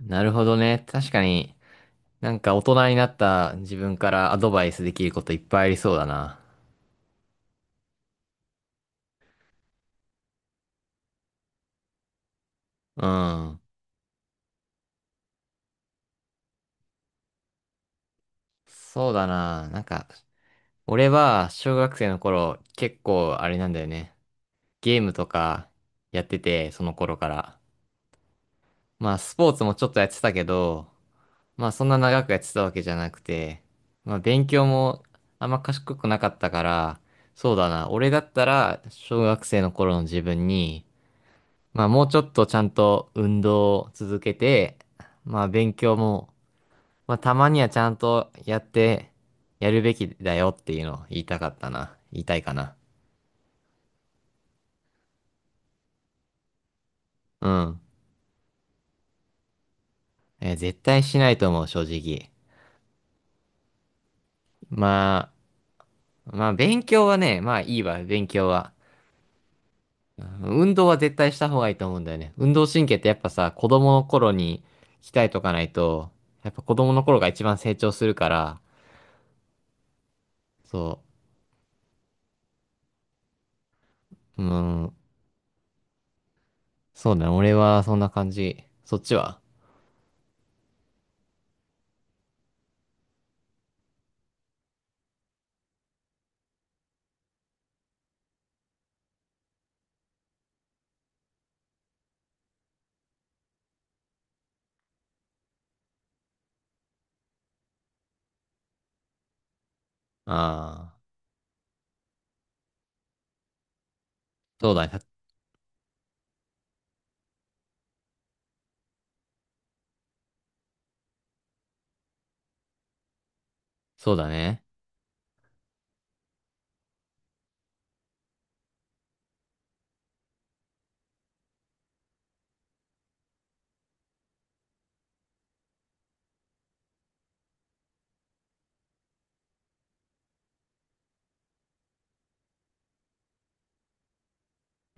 なるほどね。確かに、大人になった自分からアドバイスできることいっぱいありそうだな。うん。そうだな。俺は小学生の頃結構あれなんだよね。ゲームとかやってて、その頃から。まあスポーツもちょっとやってたけど、まあそんな長くやってたわけじゃなくて、まあ勉強もあんま賢くなかったから、そうだな。俺だったら小学生の頃の自分に、まあもうちょっとちゃんと運動を続けて、まあ勉強も、まあたまにはちゃんとやってやるべきだよっていうのを言いたかったな。言いたいかな。うん。えー絶対しないと思う、正直。ままあ勉強はね、まあいいわ、勉強は。うん、運動は絶対した方がいいと思うんだよね。運動神経ってやっぱさ、子供の頃に鍛えとかないと、やっぱ子供の頃が一番成長するから、そう。うん、そうだね。俺はそんな感じ。そっちは？ああー、そうだね。そうだね。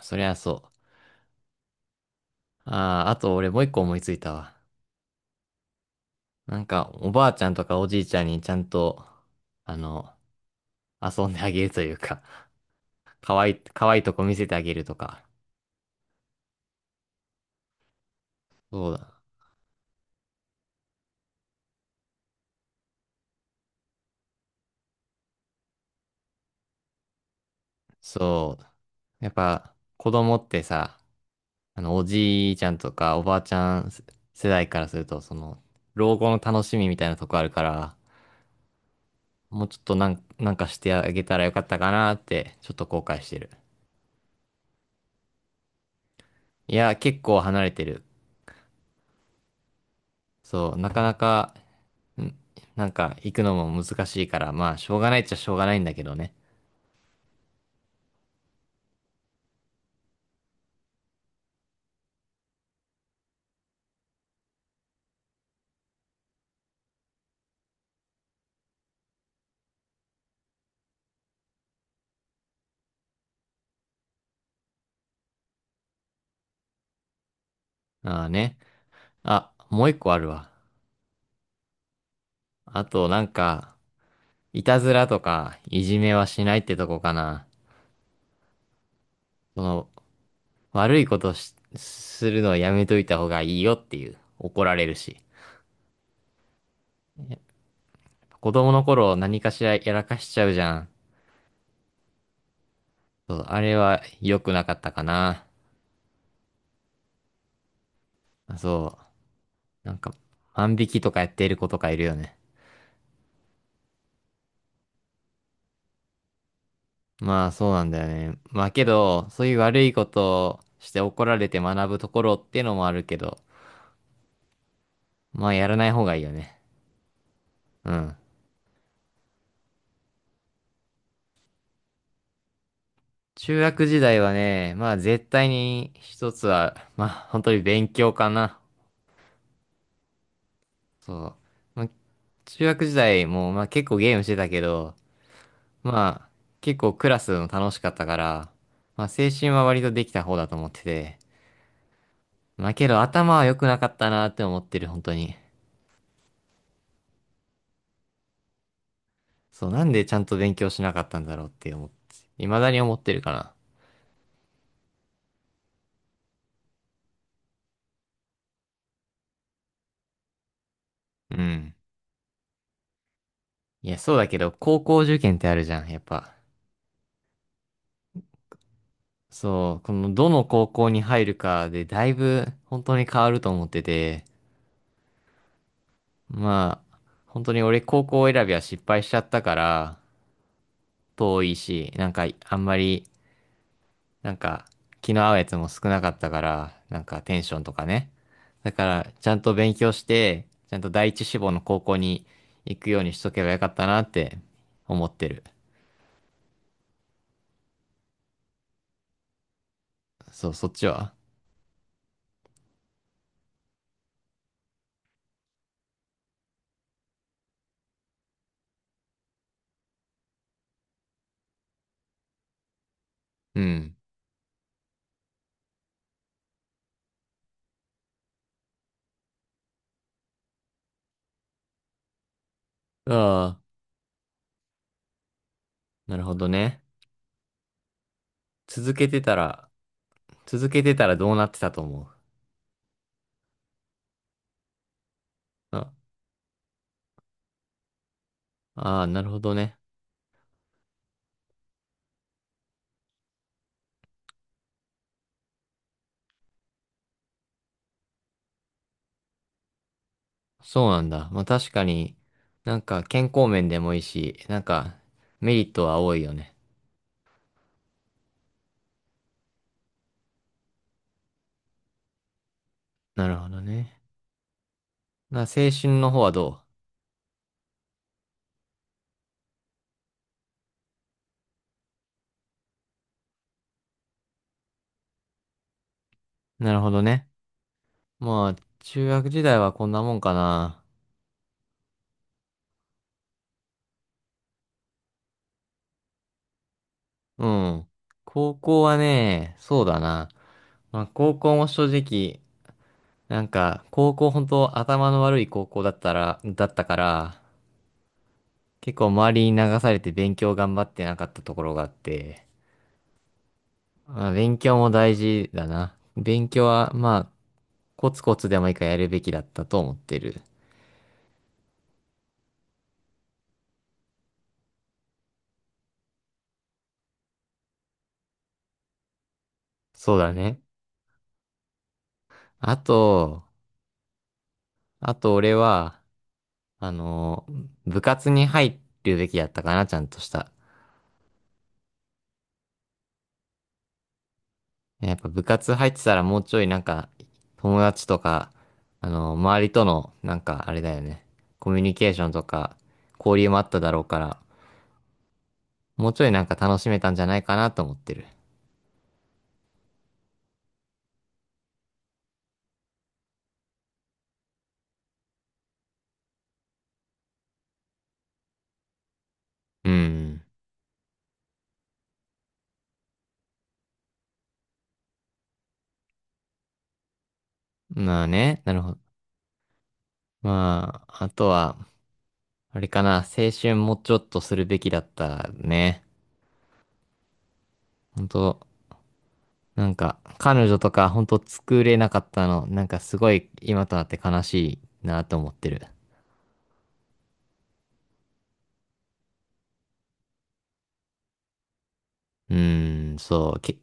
そりゃそう。ああ、あと俺もう一個思いついたわ。おばあちゃんとかおじいちゃんにちゃんと、あの、遊んであげるというか、可愛い、可愛いとこ見せてあげるとか。そうだ。そう。やっぱ、子供ってさ、あの、おじいちゃんとかおばあちゃん世代からすると、その、老後の楽しみみたいなとこあるから、もうちょっとなんかしてあげたらよかったかなって、ちょっと後悔してる。いや、結構離れてる。そう、なかなか、んなんか行くのも難しいから、まあ、しょうがないっちゃしょうがないんだけどね。ああね。あ、もう一個あるわ。あと、いたずらとか、いじめはしないってとこかな。その、悪いことし、するのはやめといた方がいいよっていう。怒られるし。子供の頃何かしらやらかしちゃうじゃん。そう、あれは良くなかったかな。あ、そう。万引きとかやっている子とかいるよね。まあ、そうなんだよね。まあ、けど、そういう悪いことをして怒られて学ぶところっていうのもあるけど、まあ、やらない方がいいよね。うん。中学時代はね、まあ、絶対に一つは、まあ、本当に勉強かな。そう。まあ、中学時代も、まあ、結構ゲームしてたけど、まあ、結構クラスも楽しかったから、まあ、青春は割とできた方だと思ってて、まあけど頭は良くなかったなって思ってる、本当に。そう、なんでちゃんと勉強しなかったんだろうって思って、未だに思ってるかな。うん。いや、そうだけど、高校受験ってあるじゃん、やっぱ。そう、この、どの高校に入るかでだいぶ本当に変わると思ってて、まあ、本当に俺高校選びは失敗しちゃったから、遠いし、なんかあんまりなんか、気の合うやつも少なかったから、なんかテンションとかね。だから、ちゃんと勉強して、ちゃんと第一志望の高校に行くようにしとけばよかったなって思ってる。そう、そっちは？うん。ああ、なるほどね。続けてたら、続けてたらどうなってたと思う？あ、ああ、なるほどね。そうなんだ。まあ確かに、なんか健康面でもいいし、なんかメリットは多いよね。なるほどね。な、青春の方はどう？なるほどね。まあ、中学時代はこんなもんかな。うん。高校はね、そうだな。まあ、高校も正直、高校本当頭の悪い高校だったら、だったから、結構周りに流されて勉強頑張ってなかったところがあって、まあ、勉強も大事だな。勉強は、まあ、コツコツでもいいからやるべきだったと思ってる。そうだね。あと、あと俺は、あの、部活に入るべきだったかな、ちゃんとした。ね、やっぱ部活入ってたらもうちょいなんか友達とか、あの、周りとのなんかあれだよね、コミュニケーションとか交流もあっただろうから、もうちょいなんか楽しめたんじゃないかなと思ってる。うん。まあね、なるほど。まあ、あとは、あれかな、青春もうちょっとするべきだったね。本当なんか、彼女とか本当作れなかったの、なんかすごい今となって悲しいなと思ってる。うーん、そう、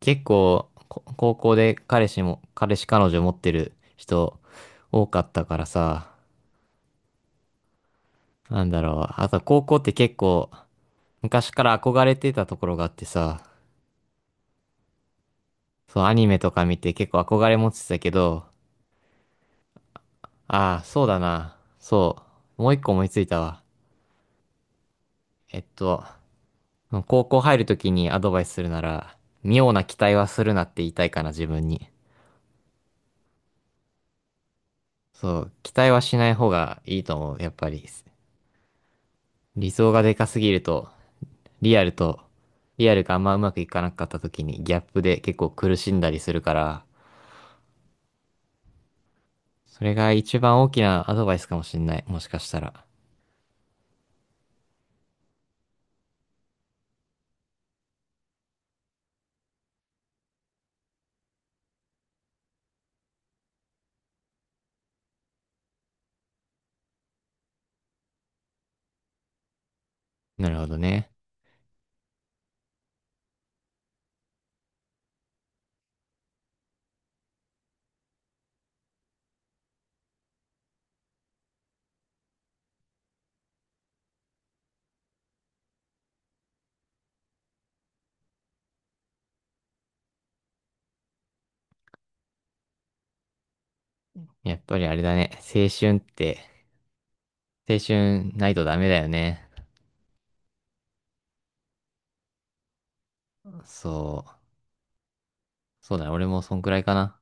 結構、高校で彼氏彼女持ってる人多かったからさ、なんだろう。あと高校って結構昔から憧れてたところがあってさ、そう、アニメとか見て結構憧れ持ってたけど、ああ、そうだな。そう。もう一個思いついたわ。えっと、高校入るときにアドバイスするなら、妙な期待はするなって言いたいかな、自分に。そう、期待はしない方がいいと思う、やっぱり。理想がでかすぎると、リアルと、リアルがあんまうまくいかなかった時にギャップで結構苦しんだりするから、それが一番大きなアドバイスかもしんない。もしかしたら。なるほどね。やっぱりあれだね。青春ないとダメだよね。そう。そうだね。俺もそんくらいかな。